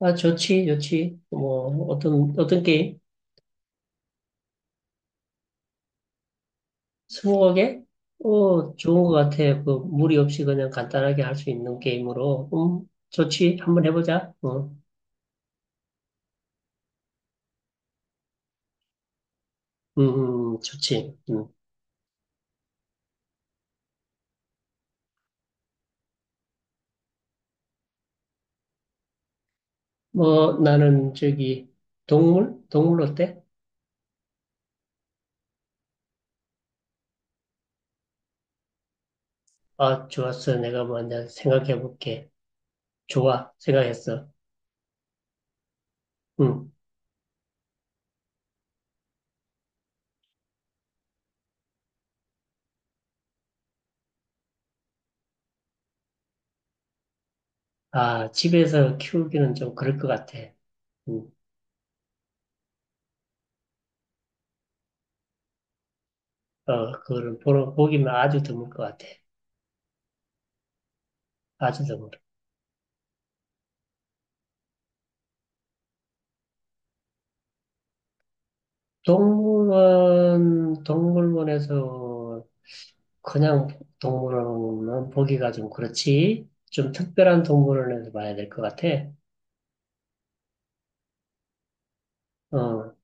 아, 좋지, 좋지. 뭐, 어떤 게임? 스무고개? 어, 좋은 것 같아. 그, 무리 없이 그냥 간단하게 할 수 있는 게임으로. 좋지. 한번 해보자. 좋지. 음. 뭐, 나는 저기, 동물? 동물 어때? 아, 좋았어. 내가 먼저 생각해볼게. 좋아. 생각했어. 음. 아, 집에서 키우기는 좀 그럴 것 같아. 음. 어, 보기만 아주 드물 것 같아. 아주 드물. 동물원에서 그냥 동물원은 보기가 좀 그렇지. 좀 특별한 동물원에서 봐야 될 것 같아. 어,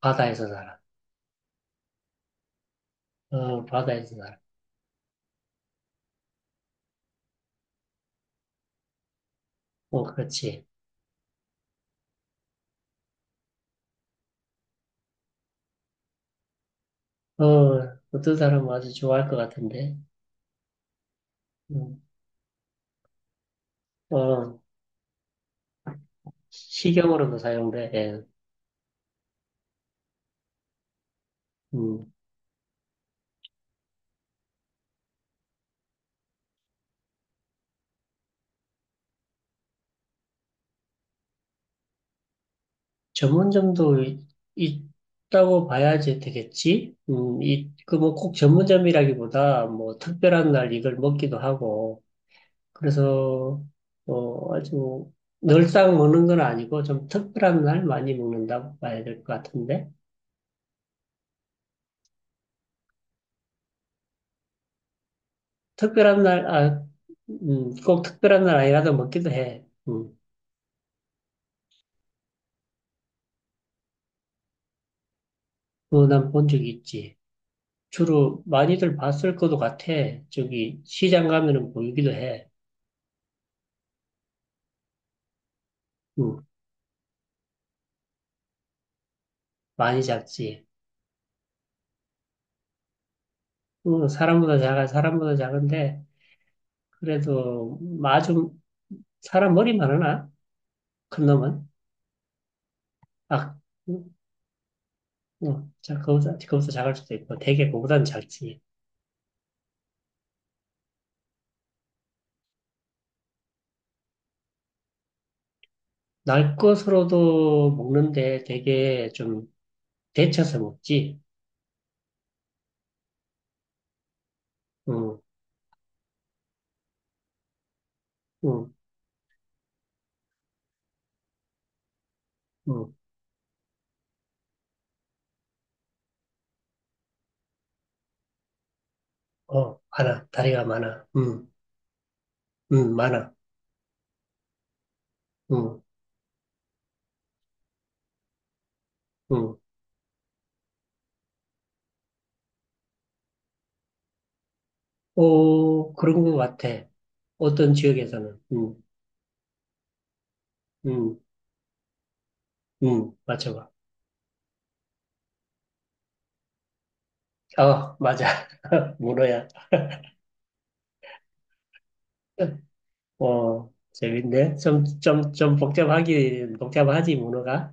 바다에서 살아. 어, 바다에서 살아. 어, 그렇지. 어, 어떤 사람은 아주 좋아할 것 같은데. 음, 어, 식용으로도 사용돼. 예. 음, 전문점도 있다고 봐야지 되겠지. 이, 그 뭐 꼭 전문점이라기보다 뭐 특별한 날 이걸 먹기도 하고. 그래서 뭐 아주 뭐 늘상 먹는 건 아니고 좀 특별한 날 많이 먹는다고 봐야 될 것 같은데. 특별한 날, 아, 꼭 특별한 날 아니라도 먹기도 해. 그거 난 본 적이 있지. 주로 많이들 봤을 것도 같아. 저기 시장 가면은 보이기도 해. 음, 많이 작지. 사람보다 작아, 사람보다 작은데 그래도 아주 사람 머리만 하나? 큰 놈은? 아, 어, 자, 그거보다 작을 수도 있고, 되게 그거보단 작지. 날 것으로도 먹는데 되게 좀 데쳐서 먹지. 응, 응, 응. 어, 많아. 다리가 많아. 응, 응, 많아. 응, 응. 오, 그런 것 같아. 어떤 지역에서는. 응, 응, 응. 맞춰봐. 어, 맞아. 문어야. 어, 재밌네. 좀 복잡하지, 문어가.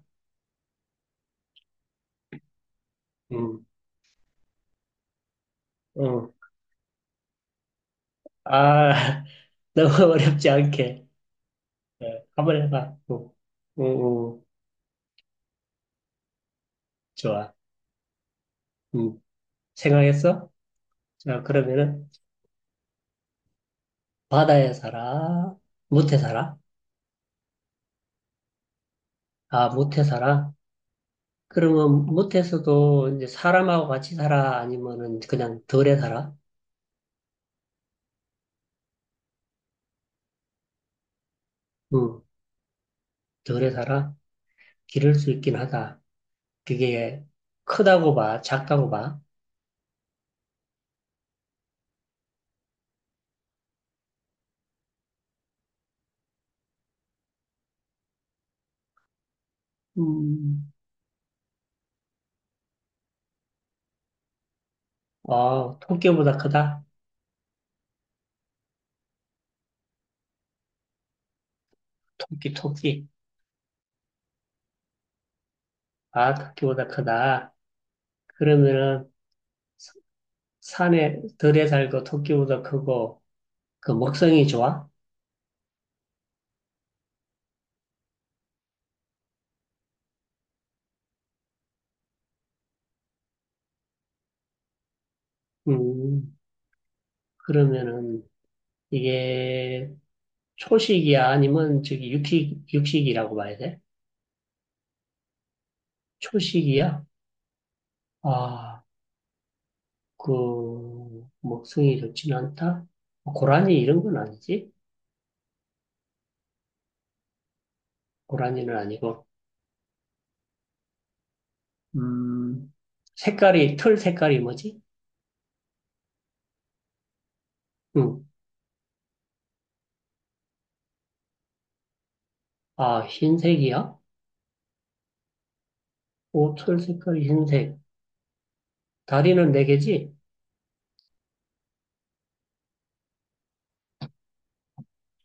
응, 응. 아. 너무 어렵지 않게. 어, 한번 해봐. 응, 응, 응. 좋아. 응. 생각했어? 자, 그러면은, 바다에 살아? 못해 살아? 아, 못해 살아? 그러면 못해서도 이제 사람하고 같이 살아? 아니면은 그냥 덜에 살아? 응, 덜에 살아? 기를 수 있긴 하다. 그게 크다고 봐, 작다고 봐. 음, 어, 토끼보다 크다? 토끼, 토끼. 아, 토끼보다 크다. 그러면은, 산에 덜에 살고 토끼보다 크고 그 먹성이 좋아? 음, 그러면은 이게 초식이야? 아니면 저기 육식이라고 봐야 돼? 초식이야? 아, 그 먹성이 좋진 않다? 고라니 이런 건 아니지? 고라니는 아니고. 음, 색깔이, 털 색깔이 뭐지? 음, 아, 흰색이야? 오, 털 색깔이 흰색. 다리는 네 개지?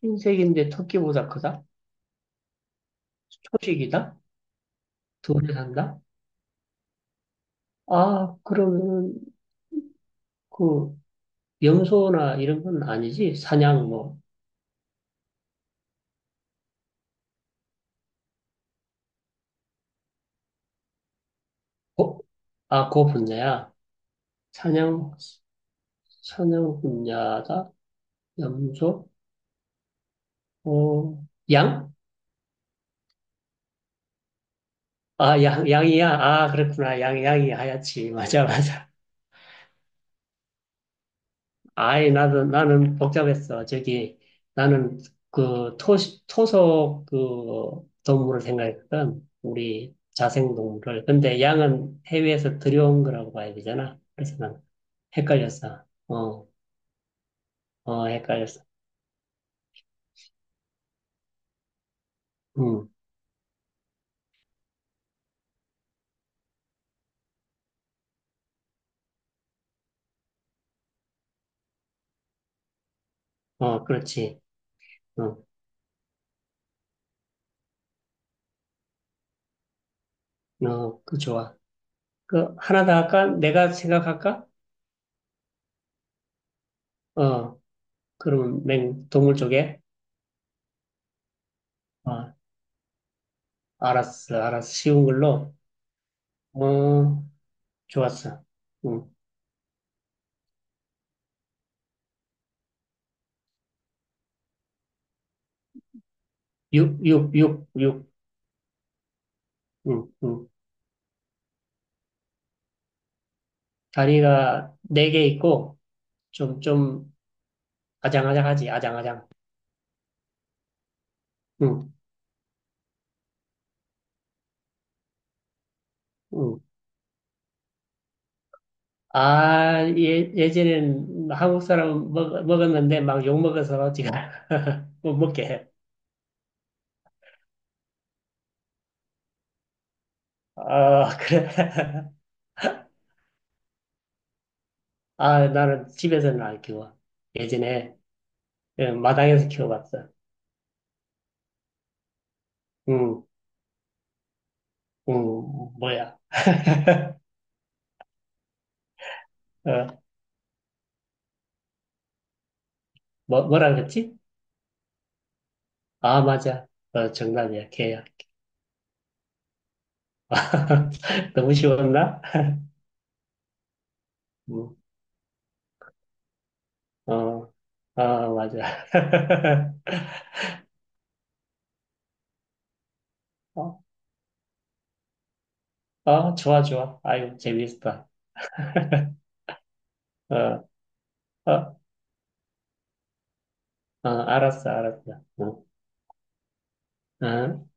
흰색인데 토끼보다 크다? 초식이다? 돈에 산다? 아, 그러면은, 그, 염소나 이런 건 아니지? 사냥, 뭐, 고, 아, 고 분야야. 사냥, 사냥 분야다? 염소? 어, 양? 아, 양이야. 아, 그렇구나. 양이 하얗지. 맞아, 맞아. 아이, 나도, 나는 복잡했어. 저기, 나는 그 토, 토속 그 동물을 생각했거든. 우리 자생동물을. 근데 양은 해외에서 들여온 거라고 봐야 되잖아. 그래서 난 헷갈렸어. 어, 어, 헷갈렸어. 응, 어, 그렇지. 어 어, 그 좋아. 그, 하나 더 할까? 내가 생각할까? 어, 그럼 맹, 동물 쪽에? 어, 알았어. 쉬운 걸로. 어, 좋았어. 응. 육, 응, 응. 다리가 네 개 있고, 좀, 좀, 아장아장. 응, 응. 아, 예, 예전엔 한국 사람 먹었는데 막 욕 먹어서 지금 못 먹게 해. 아, 그래. 아, 나는 집에서는 안 키워. 예전에 예, 마당에서 키워봤어. 응, 응, 뭐야. 어, 뭐라 그랬지? 아, 맞아. 어, 정답이야, 개야. 너무 쉬웠나? 음, 어, 아, 맞아. 어, 어, 좋아. 아유, 재밌다. 어, 어, 어, 알았어. 어, 어.